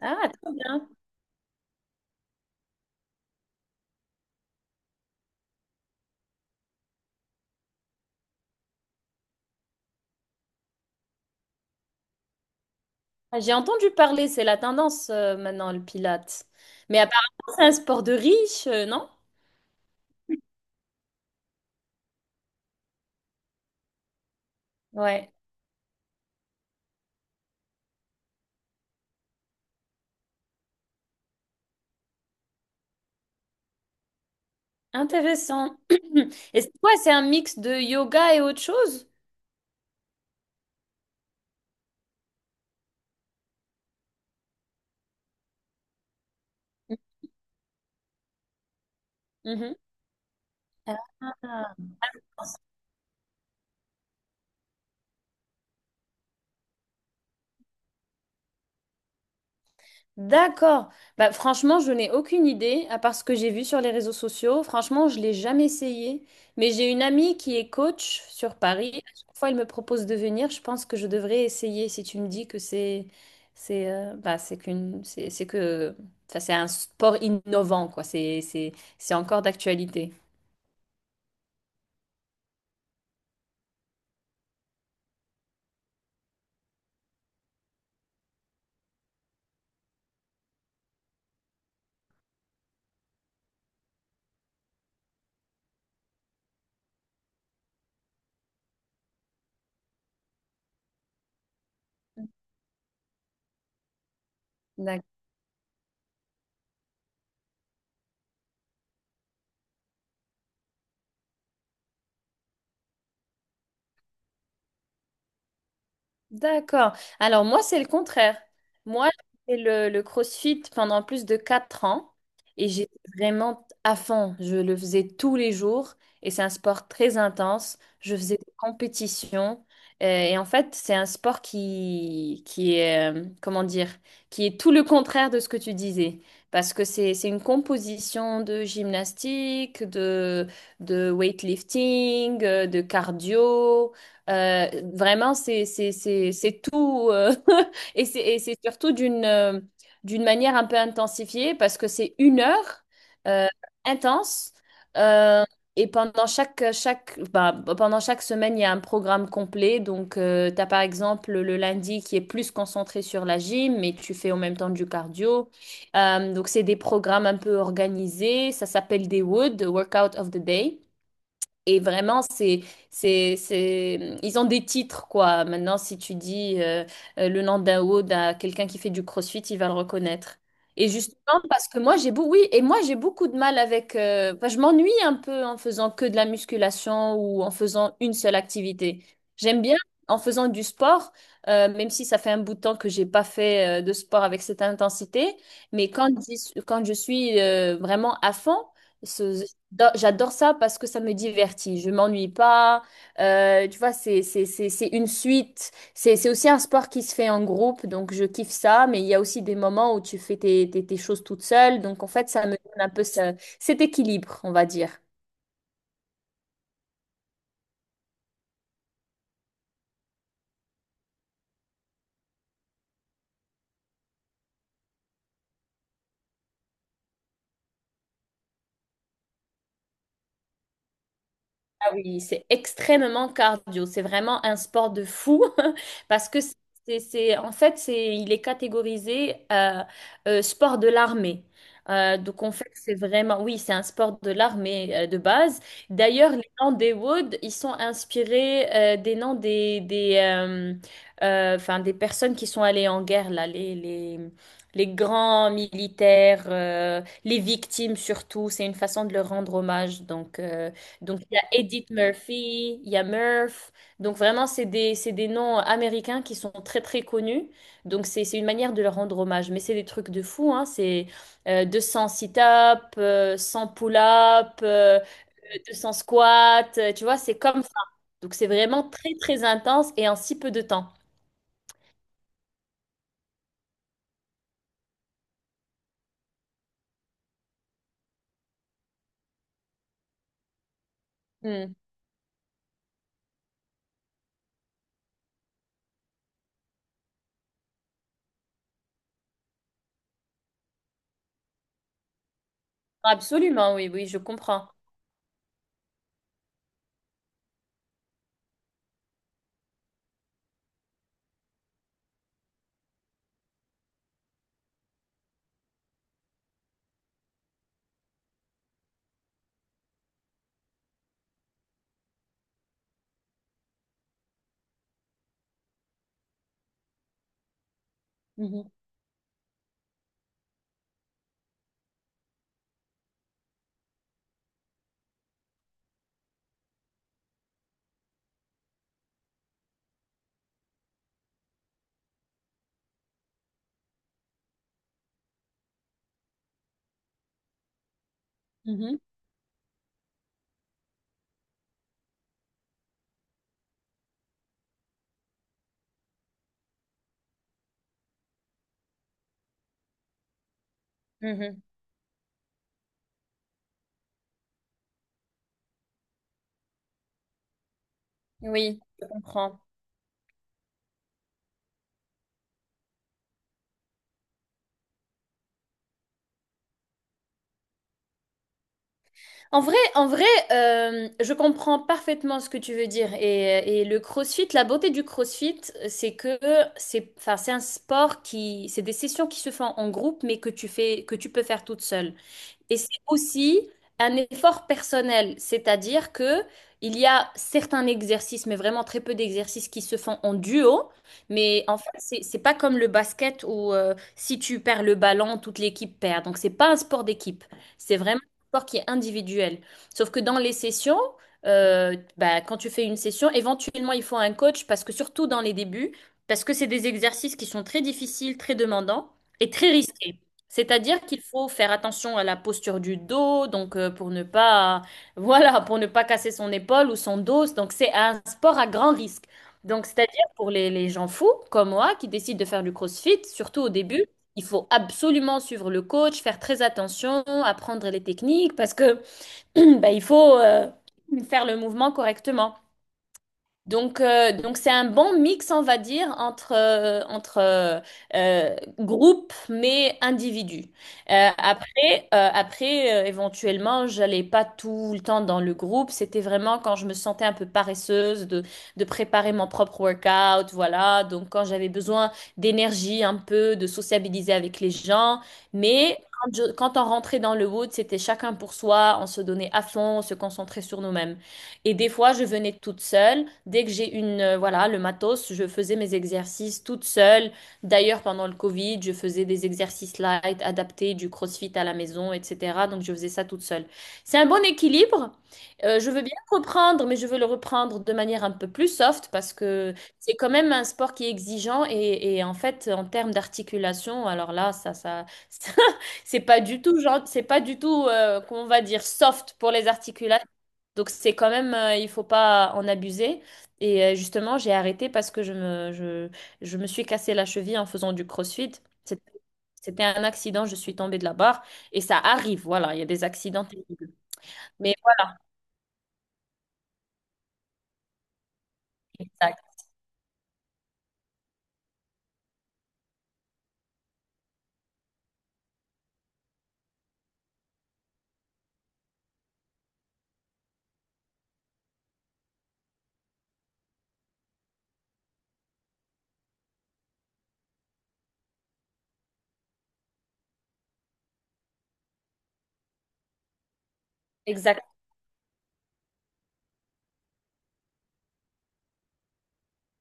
Ah, très bien. Ah, j'ai entendu parler, c'est la tendance maintenant, le pilates. Mais apparemment, c'est un sport de riche, non? Ouais, intéressant. Et c'est quoi? C'est un mix de yoga et autre chose? Mhm. Ah, d'accord. Bah, franchement, je n'ai aucune idée, à part ce que j'ai vu sur les réseaux sociaux. Franchement, je l'ai jamais essayé. Mais j'ai une amie qui est coach sur Paris. À chaque fois, elle me propose de venir. Je pense que je devrais essayer si tu me dis que c'est bah, c'est qu'une c'est que enfin, c'est un sport innovant quoi. C'est encore d'actualité. D'accord. Alors moi, c'est le contraire. Moi, j'ai fait le CrossFit pendant plus de 4 ans et j'étais vraiment à fond. Je le faisais tous les jours et c'est un sport très intense. Je faisais des compétitions et en fait, c'est un sport qui est, comment dire, qui est tout le contraire de ce que tu disais. Parce que c'est une composition de gymnastique, de weightlifting, de cardio. Euh, vraiment, c'est tout. Et c'est surtout d'une d'une manière un peu intensifiée parce que c'est 1 heure euh, intense. Euh, et pendant bah, pendant chaque semaine, il y a un programme complet. Donc, tu as par exemple le lundi qui est plus concentré sur la gym, mais tu fais en même temps du cardio. Donc, c'est des programmes un peu organisés. Ça s'appelle des WOOD, Workout of the Day. Et vraiment, c'est... ils ont des titres, quoi. Maintenant, si tu dis le nom d'un hood à quelqu'un qui fait du crossfit, il va le reconnaître. Et justement, parce que moi, j'ai beau... oui, et moi, j'ai beaucoup de mal avec... enfin, je m'ennuie un peu en faisant que de la musculation ou en faisant une seule activité. J'aime bien en faisant du sport, même si ça fait un bout de temps que j'ai pas fait de sport avec cette intensité. Mais quand je suis vraiment à fond, ce- j'adore ça parce que ça me divertit. Je m'ennuie pas. Tu vois, c'est une suite. C'est aussi un sport qui se fait en groupe, donc je kiffe ça. Mais il y a aussi des moments où tu fais tes choses toute seule. Donc en fait, ça me donne un peu cet équilibre, on va dire. Ah oui, c'est extrêmement cardio. C'est vraiment un sport de fou parce que en fait, c'est, il est catégorisé sport de l'armée. Donc en fait, c'est vraiment, oui, c'est un sport de l'armée de base. D'ailleurs, les noms des Woods, ils sont inspirés des noms enfin, des personnes qui sont allées en guerre, là, les grands militaires, les victimes surtout. C'est une façon de leur rendre hommage. Donc. Donc, il y a Edith Murphy, il y a Murph. Donc, vraiment, c'est des noms américains qui sont très, très connus. Donc, c'est une manière de leur rendre hommage. Mais c'est des trucs de fou, hein. C'est 200 sit-ups, 100 pull-ups, 200 squats. Tu vois, c'est comme ça. Donc, c'est vraiment très, très intense et en si peu de temps. Hmm. Absolument, oui, oui, je comprends. Mhm, mhm. Mhm. Oui, je comprends. En vrai, je comprends parfaitement ce que tu veux dire. Et le CrossFit, la beauté du CrossFit, c'est que enfin, c'est un sport c'est des sessions qui se font en groupe, mais que que tu peux faire toute seule. Et c'est aussi un effort personnel, c'est-à-dire que il y a certains exercices, mais vraiment très peu d'exercices qui se font en duo. Mais en fait, c'est pas comme le basket où si tu perds le ballon, toute l'équipe perd. Donc c'est pas un sport d'équipe. C'est vraiment un sport qui est individuel. Sauf que dans les sessions, bah, quand tu fais une session, éventuellement il faut un coach parce que surtout dans les débuts, parce que c'est des exercices qui sont très difficiles, très demandants et très risqués. C'est-à-dire qu'il faut faire attention à la posture du dos, donc pour ne pas, voilà, pour ne pas casser son épaule ou son dos. Donc c'est un sport à grand risque. Donc c'est-à-dire pour les gens fous comme moi qui décident de faire du CrossFit, surtout au début, il faut absolument suivre le coach, faire très attention, apprendre les techniques parce que bah, il faut faire le mouvement correctement. Donc c'est un bon mix, on va dire, entre groupe mais individu. Après éventuellement, j'allais pas tout le temps dans le groupe. C'était vraiment quand je me sentais un peu paresseuse de préparer mon propre workout, voilà. Donc, quand j'avais besoin d'énergie un peu, de sociabiliser avec les gens. Mais quand on rentrait dans le wood, c'était chacun pour soi. On se donnait à fond, on se concentrait sur nous-mêmes. Et des fois, je venais toute seule. Dès que j'ai une, voilà, le matos, je faisais mes exercices toute seule. D'ailleurs, pendant le Covid, je faisais des exercices light, adaptés, du CrossFit à la maison, etc. Donc, je faisais ça toute seule. C'est un bon équilibre. Je veux bien reprendre, mais je veux le reprendre de manière un peu plus soft parce que c'est quand même un sport qui est exigeant et en fait, en termes d'articulation, alors là, ça, c'est pas du tout, genre, c'est pas du tout, comment on va dire, soft pour les articulations. Donc c'est quand même, il faut pas en abuser. Et justement, j'ai arrêté parce que je me suis cassé la cheville en faisant du crossfit. C'était c'était un accident, je suis tombée de la barre. Et ça arrive, voilà, il y a des accidents terribles. Mais oui, exact.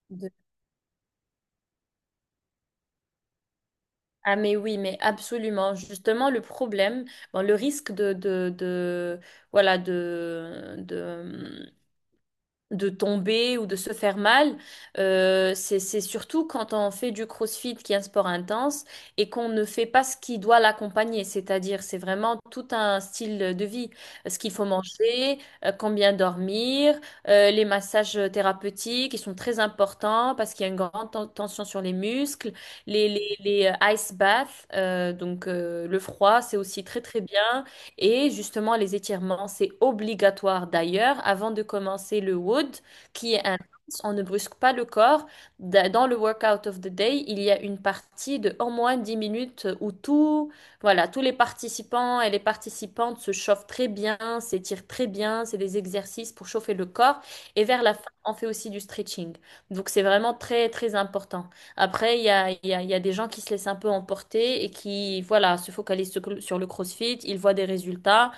De- Ah mais oui, mais absolument. Justement, le problème, bon, le risque de- voilà, de tomber ou de se faire mal. C'est surtout quand on fait du crossfit qui est un sport intense et qu'on ne fait pas ce qui doit l'accompagner. C'est-à-dire, c'est vraiment tout un style de vie. Ce qu'il faut manger, combien dormir, les massages thérapeutiques, ils sont très importants parce qu'il y a une grande tension sur les muscles. Les ice baths, donc le froid, c'est aussi très très bien. Et justement, les étirements, c'est obligatoire d'ailleurs. Avant de commencer le wood, qui est intense, on ne brusque pas le corps. Dans le workout of the day, il y a une partie de au moins 10 minutes où tout, voilà, tous les participants et les participantes se chauffent très bien, s'étirent très bien. C'est des exercices pour chauffer le corps. Et vers la fin, on fait aussi du stretching. Donc, c'est vraiment très, très important. Après, il y a des gens qui se laissent un peu emporter et qui, voilà, se focalisent sur sur le CrossFit, ils voient des résultats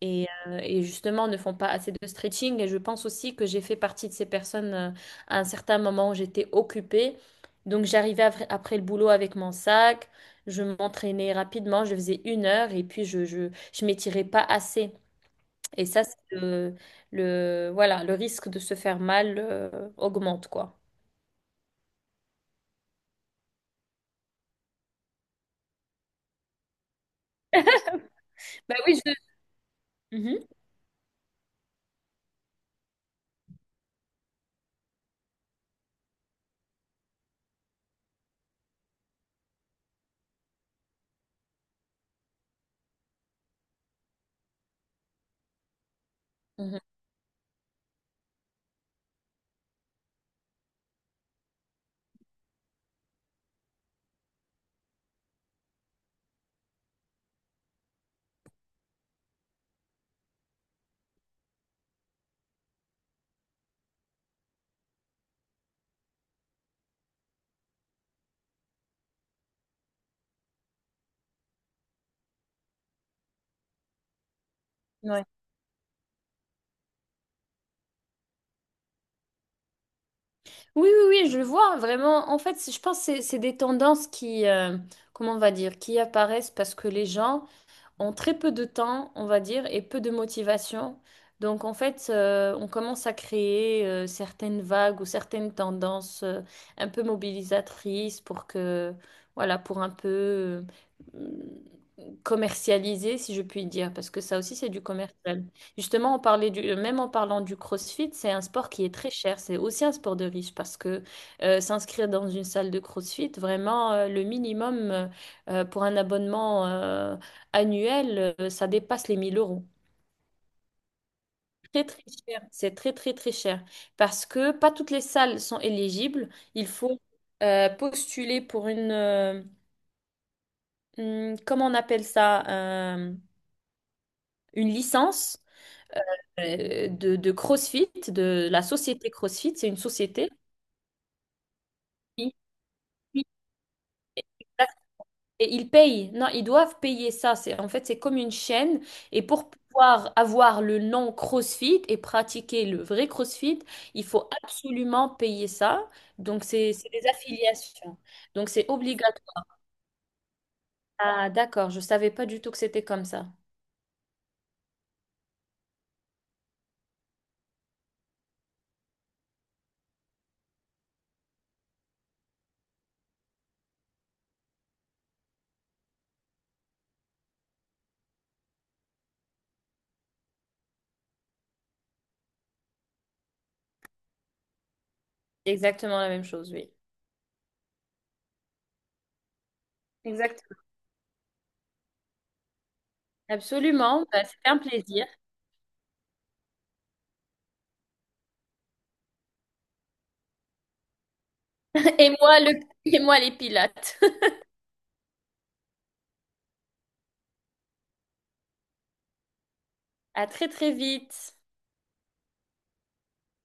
et justement ne font pas assez de stretching. Et je pense aussi que j'ai fait partie de ces personnes à un certain moment où j'étais occupée. Donc j'arrivais après, après le boulot avec mon sac, je m'entraînais rapidement, je faisais 1 heure et puis je m'étirais pas assez. Et ça, c'est voilà, le risque de se faire mal augmente, quoi. Bah oui, je... Mhm. Mhm. Ouais. Oui, oui, oui, je le vois vraiment. En fait, je pense que c'est des tendances qui, comment on va dire, qui apparaissent parce que les gens, en très peu de temps, on va dire, et peu de motivation. Donc en fait, on commence à créer certaines vagues ou certaines tendances un peu mobilisatrices pour que, voilà, pour un peu commercialiser, si je puis dire, parce que ça aussi c'est du commercial. Justement, on parlait du, même en parlant du CrossFit, c'est un sport qui est très cher, c'est aussi un sport de riche parce que s'inscrire dans une salle de CrossFit, vraiment le minimum pour un abonnement annuel, ça dépasse les 1 000 euros. Très, très cher. C'est très, très, très cher. Parce que pas toutes les salles sont éligibles. Il faut postuler pour une, comment on appelle ça, euh, une licence de CrossFit, de la société CrossFit. C'est une société. Qui Et ils payent. Non, ils doivent payer ça. C'est, en fait, c'est comme une chaîne. Et pour pouvoir avoir le nom CrossFit et pratiquer le vrai CrossFit, il faut absolument payer ça. Donc, c'est des affiliations. Donc, c'est obligatoire. Ah, d'accord. Je savais pas du tout que c'était comme ça. Exactement la même chose, oui. Exactement. Absolument. Bah, c'était un plaisir. Et moi, le... et moi, les pilates. À très, très vite.